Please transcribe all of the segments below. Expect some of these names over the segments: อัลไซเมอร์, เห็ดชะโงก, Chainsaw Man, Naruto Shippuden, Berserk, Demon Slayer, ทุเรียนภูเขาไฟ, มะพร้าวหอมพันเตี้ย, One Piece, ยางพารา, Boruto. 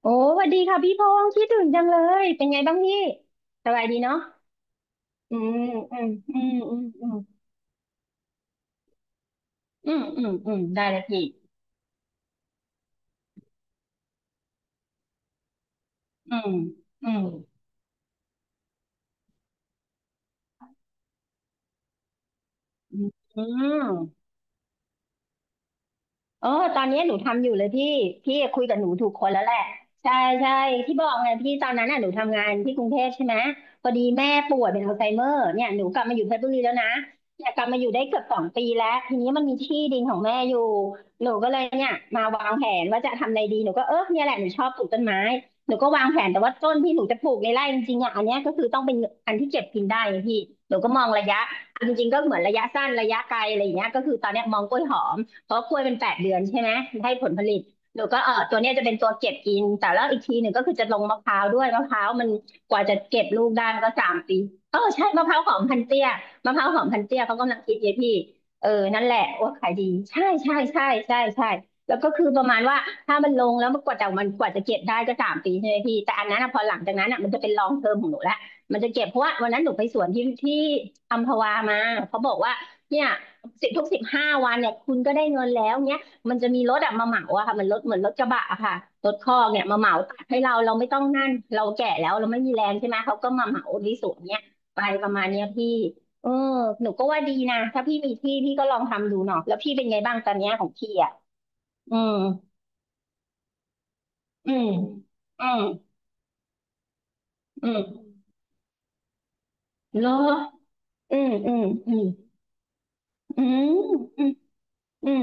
โอ้สวัสดีค่ะพี่พงษ์คิดถึงจังเลยเป็นไงบ้างพี่สบายดีเนาะอืมอืมอืมอืมอืมอืมอืมอืมได้เลยพี่อืมอืมอืม เออตอนนี้หนูทำอยู่เลยพี่พี่คุยกับหนูถูกคนแล้วแหละใช่ใช่ที่บอกไงพี่ตอนนั้นน่ะหนูทำงานที่กรุงเทพใช่ไหมพอดีแม่ป่วยเป็นอัลไซเมอร์เนี่ยหนูกลับมาอยู่เพชรบุรีแล้วนะเนี่ยกลับมาอยู่ได้เกือบสองปีแล้วทีนี้มันมีที่ดินของแม่อยู่หนูก็เลยเนี่ยมาวางแผนว่าจะทำอะไรดีหนูก็เนี่ยแหละหนูชอบปลูกต้นไม้หนูก็วางแผนแต่ว่าต้นที่หนูจะปลูกในไร่จริงๆอ่ะอันเนี้ยก็คือต้องเป็นอันที่เก็บกินได้ไงพี่หนูก็มองระยะจริงๆก็เหมือนระยะสั้นระยะไกลอะไรอย่างเงี้ยก็คือตอนเนี้ยมองกล้วยหอม เพราะกล้วยเป็นแปดเดือนใช่ไหมให้ผลผลิตหนูก็ตัวเนี้ยจะเป็นตัวเก็บกินแต่แล้วอีกทีหนึ่งก็คือจะลงมะพร้าวด้วยมะพร้าวมันกว่าจะเก็บลูกได้มันก็สามปีใช่มะพร้าวหอมพันเตี้ยมะพร้าวหอมพันเตี้ยเขากำลังคิดเยพี่เออนั่นแหละโอ้ขายดีใช่ใช่ใช่ใช่ใช่แล้วก็คือประมาณว่าถ้ามันลงแล้วมันกว่าจะเก็บได้ก็สามปีใช่ไหมพี่แต่อันนั้นอะพอหลังจากนั้นอะมันจะเป็นลองเทอมของหนูละมันจะเก็บเพราะว่าวันนั้นหนูไปสวนที่ที่อัมพวามาเขาบอกว่าเนี่ย สิบทุกสิบห้าวันเนี่ยคุณก็ได้เงินแล้วเนี้ยมันจะมีรถอะมาเหมาอะค่ะมันรถเหมือนรถกระบะอะค่ะรถคอกเนี่ยมาเหมาตัดให้เราเราไม่ต้องนั่นเราแก่แล้วเราไม่มีแรงใช่ไหมเขาก็มาเหมาดีสวนเนี่ยไปประมาณเนี้ยพี่เออหนูก็ว่าดีนะถ้าพี่มีที่พี่ก็ลองทำดูเนาะแล้วพี่เป็นไงบ้างตอนเนี้ยของพี่อะอืมอืมอืมอืมเหรออืมอืมอืมอืมอืม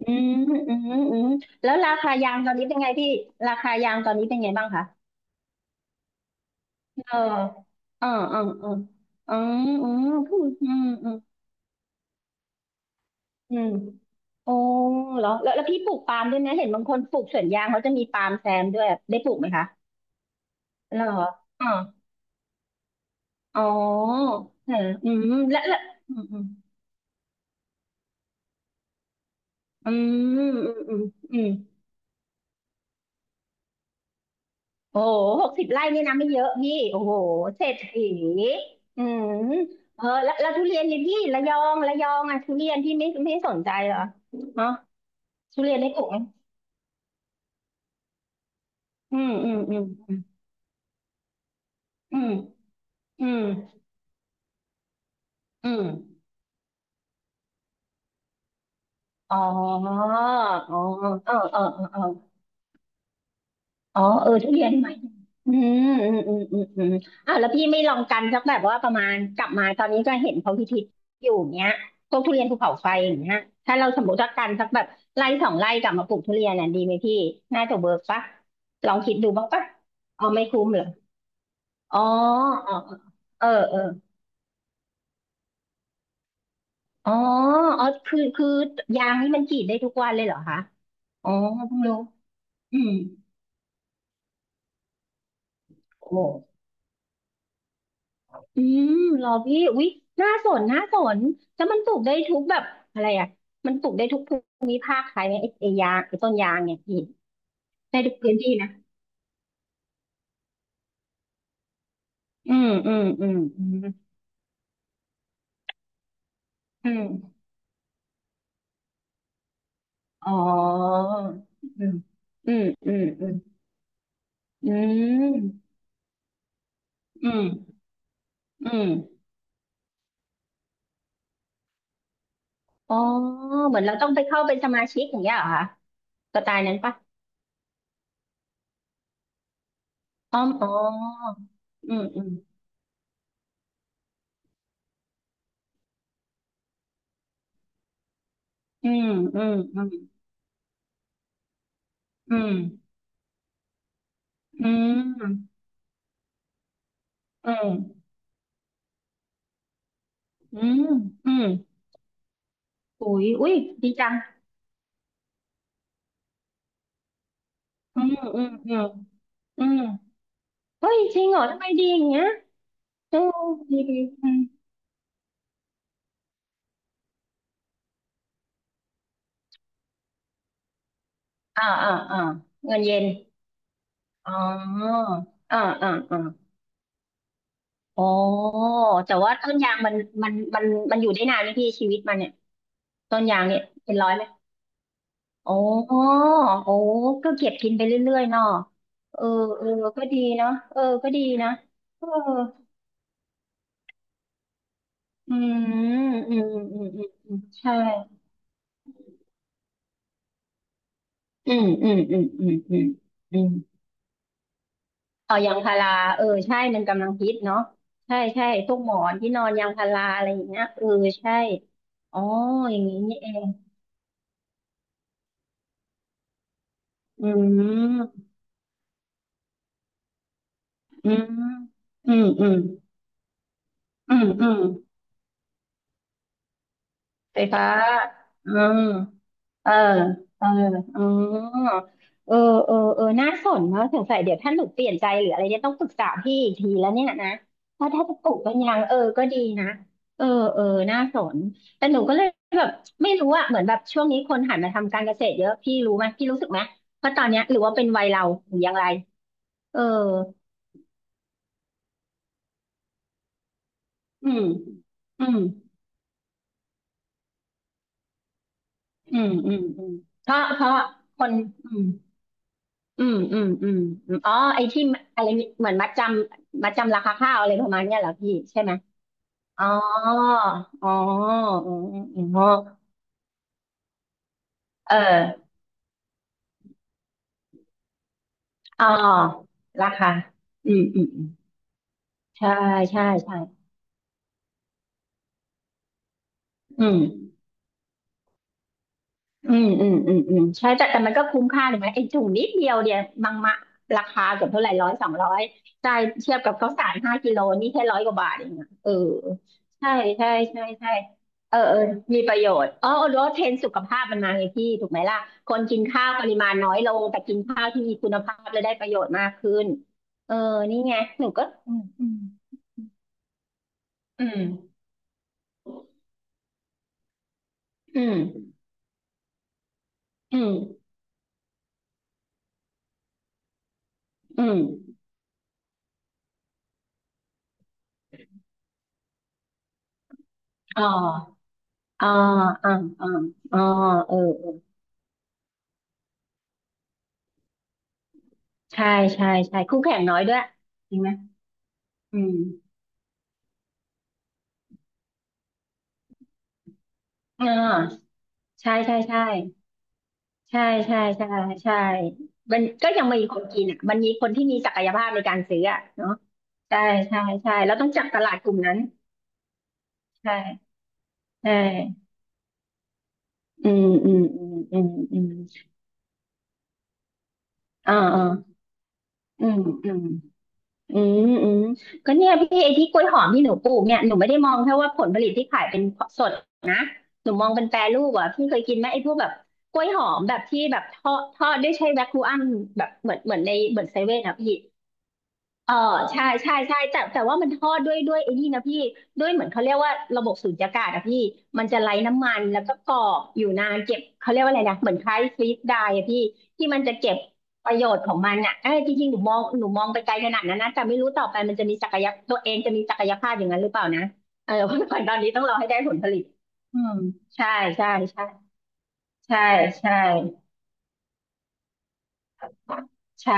อืมอืมอืมอืมแล้วราคายางตอนนี้เป็นไงพี่ราคายางตอนนี้เป็นไงบ้างคะ เออเออเออเอออ๋ออ๋อพูดอืมอืมอืมโอ้เหรอแล้วแล้วพี่ปลูกปาล์มด้วยนะเห็นบางคนปลูกสวนยางเขาจะมีปาล์มแซมด้วยได้ปลูกไหมคะเหรออ๋ออ๋อเอออืมแล้วแล้วอืมอืมอืมอืมอืมโอ้หหกสิบไร่นี่นะไม่เยอะพี่โอ้โหเศรษฐีอืมแล้วแล้วทุเรียนนี่พี่ระยองระยองอ่ะทุเรียนพี่ไม่สนใจเหรอเนาะทุเรียนได้ปลูกไหมอืมอืมอืมอืม อืมอืมอ๋ออ๋อเออเออเออเอออ๋อทุเรียนไหมอืมอืมอืมอืมอืมอ่ะแล้วพี่ไม่ลองกันสักแบบว่าประมาณกลับมาตอนนี้ก็เห็นเขาพิธีอยู่เนี้ยพวกทุเรียนภูเขาไฟอย่างเงี้ยถ้าเราสมมติว่ากันสักแบบไร่สองไร่กลับมาปลูกทุเรียนน่ะดีไหมพี่น่าจะเวิร์กปะลองคิดดูบ้างปะเอาไม่คุ้มเหรออ๋ออ๋อเออเอออ๋ออ๋อคือยางนี่มันกรีดได้ทุกวันเลยเหรอคะอ๋อเพิ่งรู้อืม โอ้อืมเหรอพี่อุ๊ยน่าสนน่าสนแล้วมันปลูกได้ทุกแบบอะไรอ่ะมันปลูกได้ทุกภูมิภาคใช่ไหมไอ้ยางต้นยางเนี่ยพี่ได้ทุกพื้นที่นะอืมอืมอืมอืมอืมอ๋ออืมอืมอืมอืมอืมอืมอืมอ๋อเหมือนเราต้องไปเข้าเป็นสมาชิกอย่างเงี้ยเหรอคะสไตล์นั้นปะอ๋อมอ๋ออืมอืมอืมอืมอืมอืมอืมอืม อืมอืมอุ้ยอุ้ยดีจัง อืมอืมอืมอืมเฮ้ยจริงเหรอทำไมดีอย่างเงี้ยเออดีดีอืมอ่าอ่าอ่าเงินเย็นอ๋ออ่าอ่าอ่าอ๋อแต่ว่าต้นยางมันมันมันอยู่ได้นานไหมพี่ชีวิตมันเนี่ยต้นยางเนี่ยเป็นร้อยไหมอ๋อโอ้ก็เก็บกินไปเรื่อยๆเนาะเออเออก็ดีเนาะก็ดีนะเอออืมอืมอืมอืมอืมใช่ อืมอืมอืมอืมอืมอืมเอายางพาราใช่มันกำลังฮิตเนาะใช่ใช่พวกหมอนที่นอนยางพาราอะไรอย่างเงี้ยเออใช่อ๋ออย่างนี้นี่เองอืมอืมอืมอืมอืมอืม ไฟฟ้าอืมเออเอออ๋อเออเออน่าสนเนาะสงสัยเดี๋ยวถ้าหนูเปลี่ยนใจหรืออะไรเนี่ยต้องปรึกษาพี่อีกทีแล้วเนี่ยนะว่าถ้าจะปลูกเป็นยังก็ดีนะเออเออน่าสนแต่หนูก็เลยแบบไม่รู้อะเหมือนแบบช่วงนี้คนหันมาทำการเกษตรเยอะพี่รู้ไหมพี่รู้สึกไหมว่าตอนเนี้ยหรือว่าเป็นวัยเราหรืออย่างไรเอออืมอืมอืมเพราะคนอืม อืมอืมอืมอืมอ๋อไอ้ที่อะไรเหมือนมัดจำราคาข้าวอะไรประมาณเนี้ยเหรอพี่ใช่ไหมอ๋ออ๋ออ๋ออ๋อเอออ๋อราคาอืมอืมอืมใช่ใช่อืม อืมอืมอืมอืมใช่แต่มันก็คุ้มค่าถูกไหมไอ้ถุงนิดเดียวเนี่ยมังมะราคาเกือบเท่าไหร่ร้อยสองร้อยใช่เทียบกับข้าวสารห้ากิโลนี่แค่ร้อยกว่าบาทเองอะเออใช่ใช่เออเออมีประโยชน์อ๋อลดเทรนด์สุขภาพมันมาไงพี่ถูกไหมล่ะคนกินข้าวปริมาณน้อยลงแต่กินข้าวที่มีคุณภาพและได้ประโยชน์มากขึ้นเออนี่ไงหนูก็อืมอืมอืมอืมอืมอืมอ๋ออ๋ออ๋ออ๋ออ๋อเออ ใช่ใช่ใช่คู่แข่งน้อยด้วยจริงไหมอืมเออใช่ใช่ใช่ใช่ใช่ใช่ใช่มันก็ยังมีคนกินอ่ะมันมีคนที่มีศักยภาพในการซื้ออ่ะเนาะใช่ใช่ใช่แล้วต้องจับตลาดกลุ่มนั้นใช่ใช่อืมอืมอืมอืมอืมอ่าอ่าอืมอืม อืมอืมก็เนี่ยพี่ไอ้ที่กล้วยหอมที่หนูปลูกเนี่ยหนูไม่ได้มองแค่ว่าผลผลิตที่ขายเป็นสดนะหนูมองเป็นแปรรูปอ่ะพี่เคยกินไหมไอ้พวกแบบกล้วยหอมแบบที่แบบทอดด้วยใช้แวคคูอัมแบบเหมือนในเหมือนเซเว่นอ่ะพี่ เออใช่แต่ว่ามันทอดด้วยไอ้นี่นะพี่ด้วยเหมือนเขาเรียกว่าระบบสูญญากาศอะพี่มันจะไร้น้ำมันแล้วก็กรอบอยู่นานเก็บเขาเรียกว่าอะไรนะเหมือนคล้ายฟรีซไดรอะพี่ที่มันจะเก็บประโยชน์ของมันอะเอ้ยจริงๆหนูมองไปไกลขนาดนั้นนะแต่ไม่รู้ต่อไปมันจะมีศักยะตัวเองจะมีศักยภาพอย่างนั้นหรือเปล่านะเออ เพราะตอนนี้ต้องรอให้ได้ผลผลิตอืมใช่ใช่ใช่ใช่ใช่ ใช่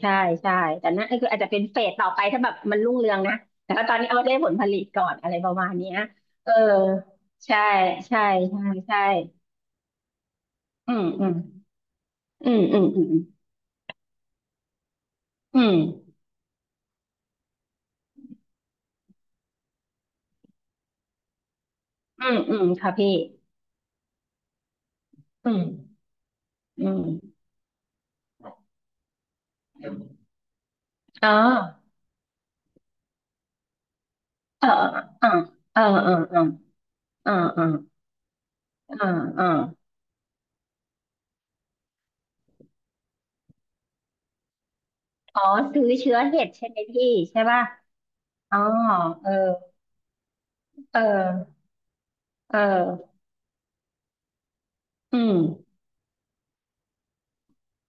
ใช่ใช่แต่นั่นก็คืออาจจะเป็นเฟสต่อไปถ้าแบบมันรุ่งเรืองนะแต่ว่าตอนนี้เอาได้ผลผลิตก่อนอะไรประมาณเนี้ยเออใช่ใช่ใช่ใช่อืมอืมอืมอืมอืมอืมอืมอืมค่ะพี่อืมอืมอ๋อเออเออเออเออเออเออเออเออเอออ๋อซื้อเชื้อเห็ดใช่ไหมพี่ใช่ป่ะอ๋อเออเออเอออืม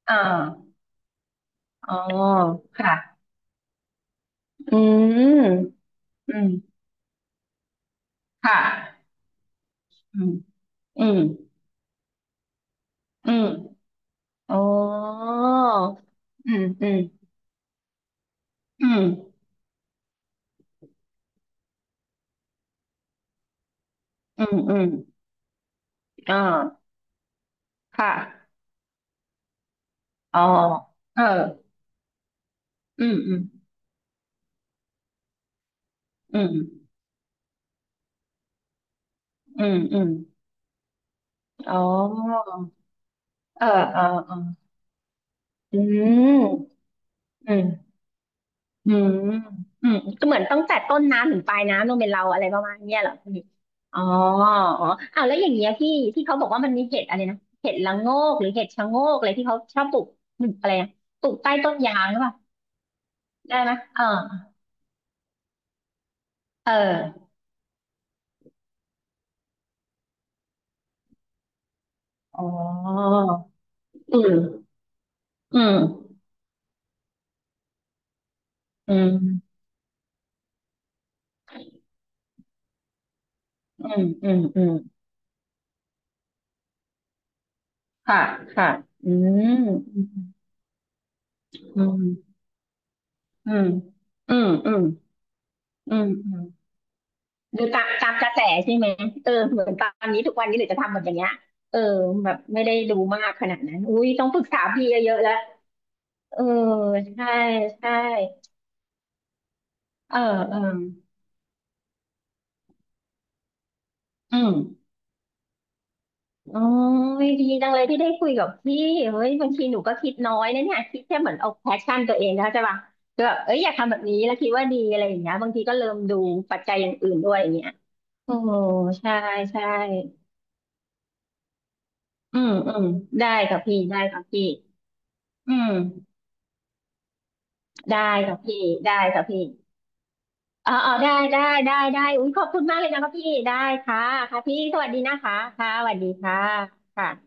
อ่าอ๋อค่ะ อืมอืมค่ะอืมอืมอืมอ๋ออืมอืมอืมอืมอืมอ่าค่ะอ๋อเอออืมอืมอืมอืมอืมอ๋อเออเออเอออืมอืม อืมอืมก็เหมือนตั้งแต่ต้นน้ำถึงปลายน้ำต้องเป็นเราอะไรประมาณเนี้ยเหรอพี่อ๋ออ๋ออ้าวแล้วอย่างเงี้ยพี่ที่เขาบอกว่ามันมีเห็ดอะไรนะเห็ดละโงกหรือเห็ดชะโงกอะไรที่เขาชอบปลูกอะไรนะปลูกใต้ต้นยางหรือเปล่าได้ไหมเออเอออ๋ออืมอืมอืมอืมอืมอืมค่ะค่ะอืมอืมอืมอืมอืมอืมอืม หรือตามกระแสใช่ไหมเออเหมือนตอนนี้ทุกวันนี้เลยจะทำแบบอย่างเงี้ยเออแบบไม่ได้ดูมากขนาดนั้นอุ้ยต้องปรึกษาพี่เยอะๆแล้วเออใช่ใช่เออเอออืมโอ้ยดีจังเลยที่ได้คุยกับพี่เฮ้ยบางทีหนูก็คิดน้อยนะเนี่ยคิดแค่เหมือนเอาแพชชั่นตัวเองนะใช่ป่ะก็แบบเอ้ยอยากทำแบบนี้แล้วคิดว่าดีอะไรอย่างเงี้ยบางทีก็เริ่มดูปัจจัยอย่างอื่นด้วยอย่างเงี้ยโอ้ใช่ใช่อืมอืมได้ค่ะพี่ได้ค่ะพี่อืม ได้ค่ะพี่ได้ค่ะพี่อ๋ออ๋อได้ได้ได้ได้อุ้ยขอบคุณมากเลยนะคะพี่ได้ค่ะค่ะพี่สวัสดีนะคะค่ะสวัสดีค่ะค่ะ